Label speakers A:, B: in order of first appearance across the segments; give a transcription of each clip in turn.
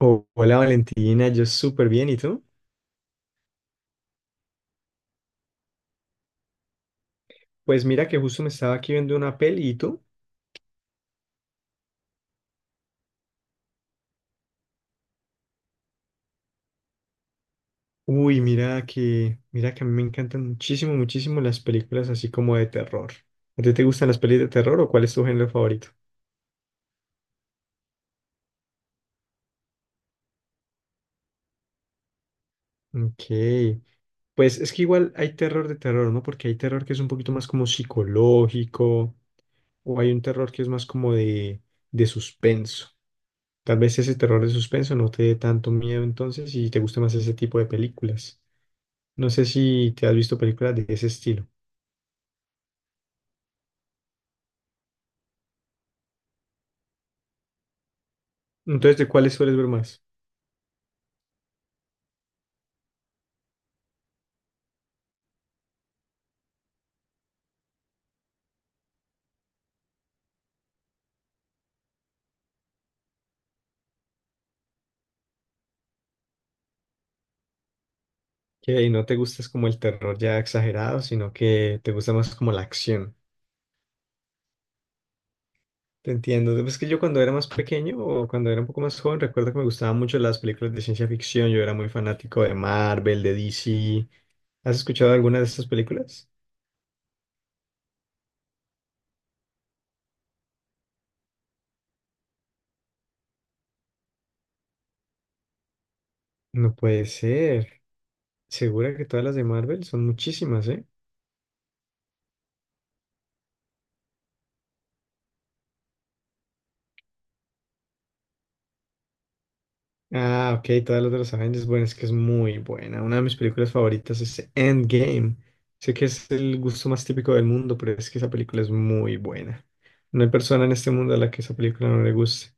A: Oh, hola Valentina, yo súper bien, ¿y tú? Pues mira que justo me estaba aquí viendo una peli, ¿y tú? Uy, mira que a mí me encantan muchísimo, muchísimo las películas así como de terror. ¿A ti te gustan las pelis de terror o cuál es tu género favorito? Ok, pues es que igual hay terror de terror, ¿no? Porque hay terror que es un poquito más como psicológico o hay un terror que es más como de suspenso. Tal vez ese terror de suspenso no te dé tanto miedo entonces y te guste más ese tipo de películas. No sé si te has visto películas de ese estilo. Entonces, ¿de cuáles sueles ver más? Que ahí no te gusta es como el terror ya exagerado, sino que te gusta más como la acción. Te entiendo. Es que yo cuando era más pequeño o cuando era un poco más joven, recuerdo que me gustaban mucho las películas de ciencia ficción. Yo era muy fanático de Marvel, de DC. ¿Has escuchado alguna de estas películas? No puede ser. Segura que todas las de Marvel son muchísimas, ¿eh? Ah, ok, todas las de los Avengers. Bueno, es que es muy buena. Una de mis películas favoritas es Endgame. Sé que es el gusto más típico del mundo, pero es que esa película es muy buena. No hay persona en este mundo a la que esa película no le guste.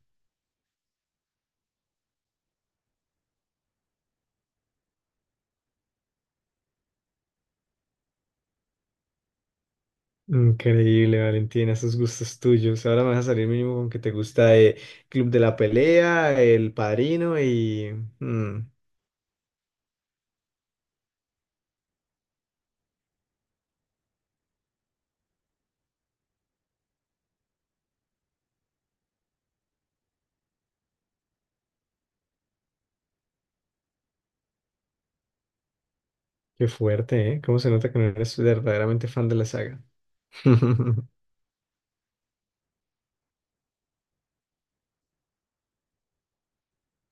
A: Increíble, Valentina, esos gustos tuyos. Ahora me vas a salir mínimo con que te gusta Club de la Pelea, El Padrino y... mm, qué fuerte, ¿eh? ¿Cómo se nota que no eres verdaderamente fan de la saga?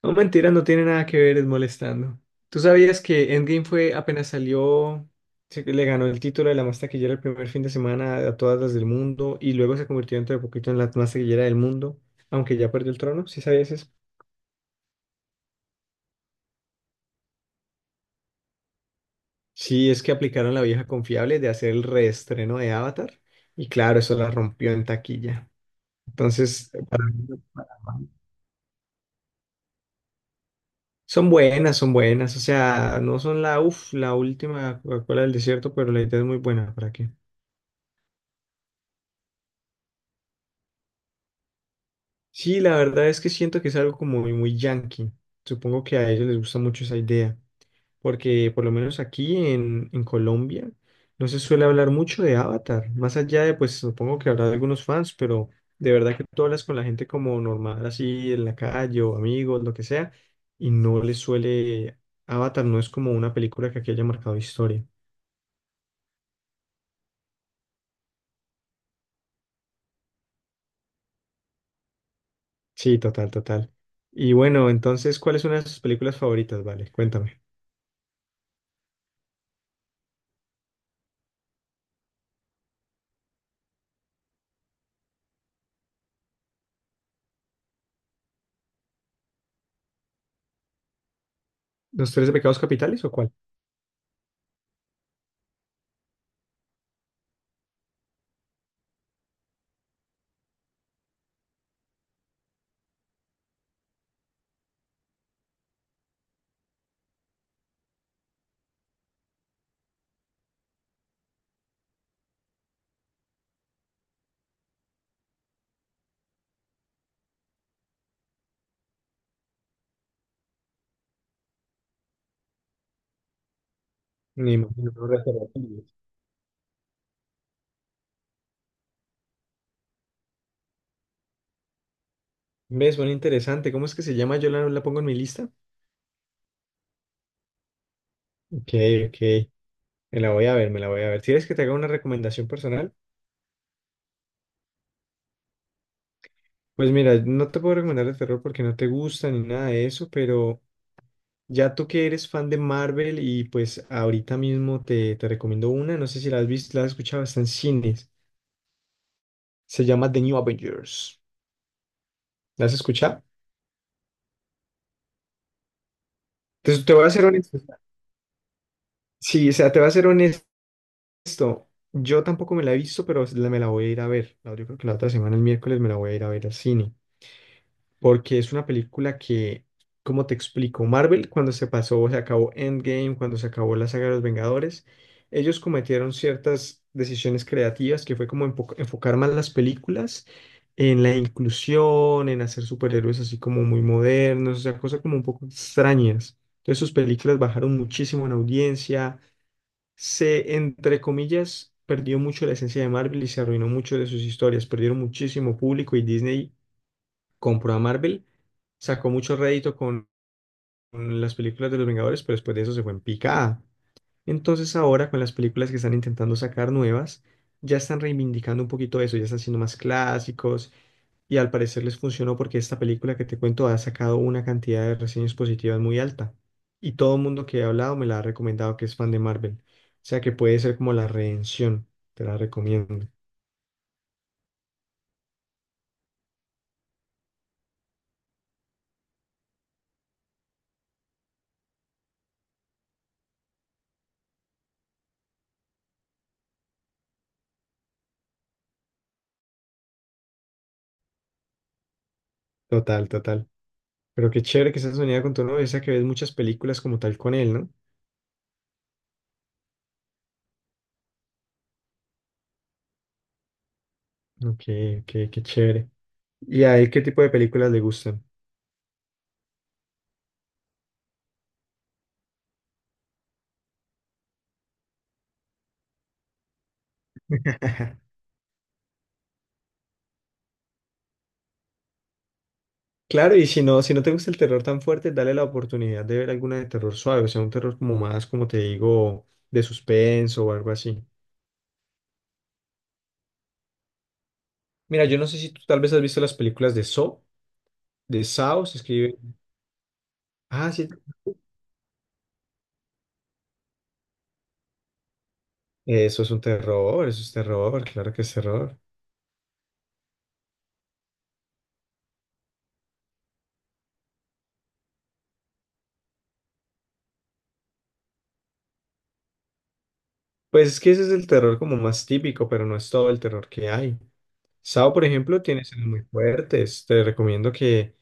A: No, mentira, no tiene nada que ver, es molestando. ¿Tú sabías que Endgame fue apenas salió, le ganó el título de la más taquillera el primer fin de semana a todas las del mundo y luego se convirtió dentro de poquito en la más taquillera del mundo, aunque ya perdió el trono? ¿Sí sabías eso? Sí, es que aplicaron la vieja confiable de hacer el reestreno de Avatar y claro, eso la rompió en taquilla. Entonces, para mí, son buenas, o sea, no son la, uf, la última Coca-Cola del desierto, pero la idea es muy buena, ¿para qué? Sí, la verdad es que siento que es algo como muy, muy yankee. Supongo que a ellos les gusta mucho esa idea, porque por lo menos aquí en Colombia no se suele hablar mucho de Avatar, más allá de, pues supongo que habrá algunos fans, pero de verdad que tú hablas con la gente como normal, así en la calle o amigos, lo que sea, y no les suele, Avatar no es como una película que aquí haya marcado historia. Sí, total, total. Y bueno, entonces, ¿cuáles son sus películas favoritas? Vale, cuéntame. ¿Los tres pecados capitales o cuál? Me imagino, no reservatorios. ¿Ves? Bueno, interesante. ¿Cómo es que se llama? Yo la pongo en mi lista. Ok, ok. Me la voy a ver, me la voy a ver. Si ¿quieres que te haga una recomendación personal? Pues mira, no te puedo recomendar de terror porque no te gusta ni nada de eso, pero ya tú que eres fan de Marvel y pues ahorita mismo te recomiendo una, no sé si la has visto, la has escuchado, está en cines. Se llama The New Avengers. ¿La has escuchado? Entonces te voy a ser honesto. Sí, o sea, te voy a ser honesto. Listo. Yo tampoco me la he visto, pero me la voy a ir a ver. Yo creo que la otra semana, el miércoles, me la voy a ir a ver al cine. Porque es una película que, como te explico, Marvel, cuando se pasó, se acabó Endgame, cuando se acabó la saga de los Vengadores, ellos cometieron ciertas decisiones creativas que fue como enfocar más las películas en la inclusión, en hacer superhéroes así como muy modernos, o sea, cosas como un poco extrañas. Entonces sus películas bajaron muchísimo en audiencia se, entre comillas, perdió mucho la esencia de Marvel y se arruinó mucho de sus historias. Perdieron muchísimo público y Disney compró a Marvel, sacó mucho rédito con las películas de los Vengadores, pero después de eso se fue en picada. Entonces ahora con las películas que están intentando sacar nuevas, ya están reivindicando un poquito eso, ya están siendo más clásicos y al parecer les funcionó porque esta película que te cuento ha sacado una cantidad de reseñas positivas muy alta y todo el mundo que he hablado me la ha recomendado que es fan de Marvel. O sea que puede ser como la redención, te la recomiendo. Total, total. Pero qué chévere que estás unida con tu novio, o sea que ves muchas películas como tal con él, ¿no? Ok, ok, qué chévere. ¿Y a él qué tipo de películas le gustan? Claro, y si no, si no te gusta el terror tan fuerte, dale la oportunidad de ver alguna de terror suave, o sea, un terror como más, como te digo, de suspenso o algo así. Mira, yo no sé si tú tal vez has visto las películas de Saw, se escribe. Ah, sí. Eso es un terror, eso es terror, claro que es terror. Pues es que ese es el terror como más típico, pero no es todo el terror que hay. Sao, por ejemplo, tiene escenas muy fuertes. Te recomiendo que,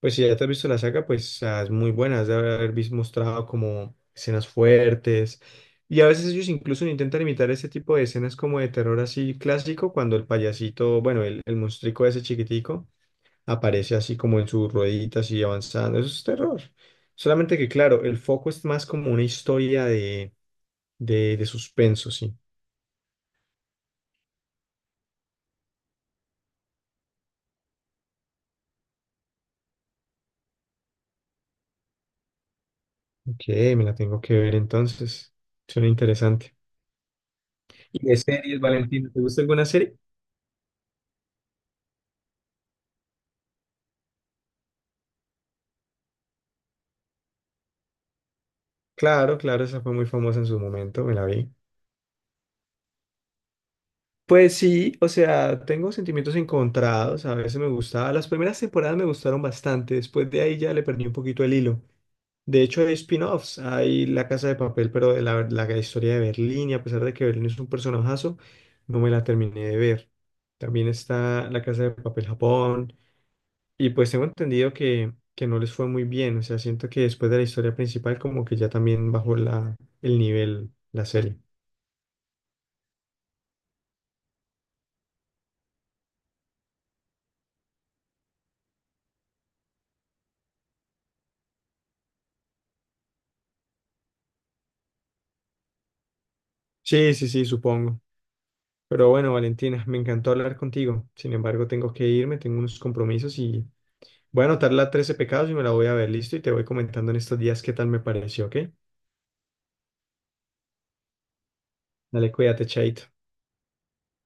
A: pues si ya te has visto la saga, pues ah, es muy buena. Has de haber visto mostrado como escenas fuertes. Y a veces ellos incluso intentan imitar ese tipo de escenas como de terror así clásico, cuando el payasito, bueno, el monstruico ese chiquitico aparece así como en sus rueditas y avanzando. Eso es terror. Solamente que, claro, el foco es más como una historia de, de suspenso, sí. Ok, me la tengo que ver entonces. Suena interesante. ¿Y de series, Valentina? ¿Te gusta alguna serie? Claro, claro, esa fue muy famosa en su momento, me la vi. Pues sí, o sea, tengo sentimientos encontrados, a veces me gustaba, las primeras temporadas me gustaron bastante, después de ahí ya le perdí un poquito el hilo. De hecho, hay spin-offs, hay La Casa de Papel, pero de la historia de Berlín, y a pesar de que Berlín es un personajazo, no me la terminé de ver. También está La Casa de Papel Japón, y pues tengo entendido que no les fue muy bien, o sea, siento que después de la historia principal como que ya también bajó la, el nivel, la serie. Sí, sí, sí, supongo. Pero bueno, Valentina, me encantó hablar contigo. Sin embargo, tengo que irme, tengo unos compromisos y voy a anotar la 13 pecados y me la voy a ver, listo, y te voy comentando en estos días qué tal me pareció, ¿ok? Dale, cuídate, Chaito.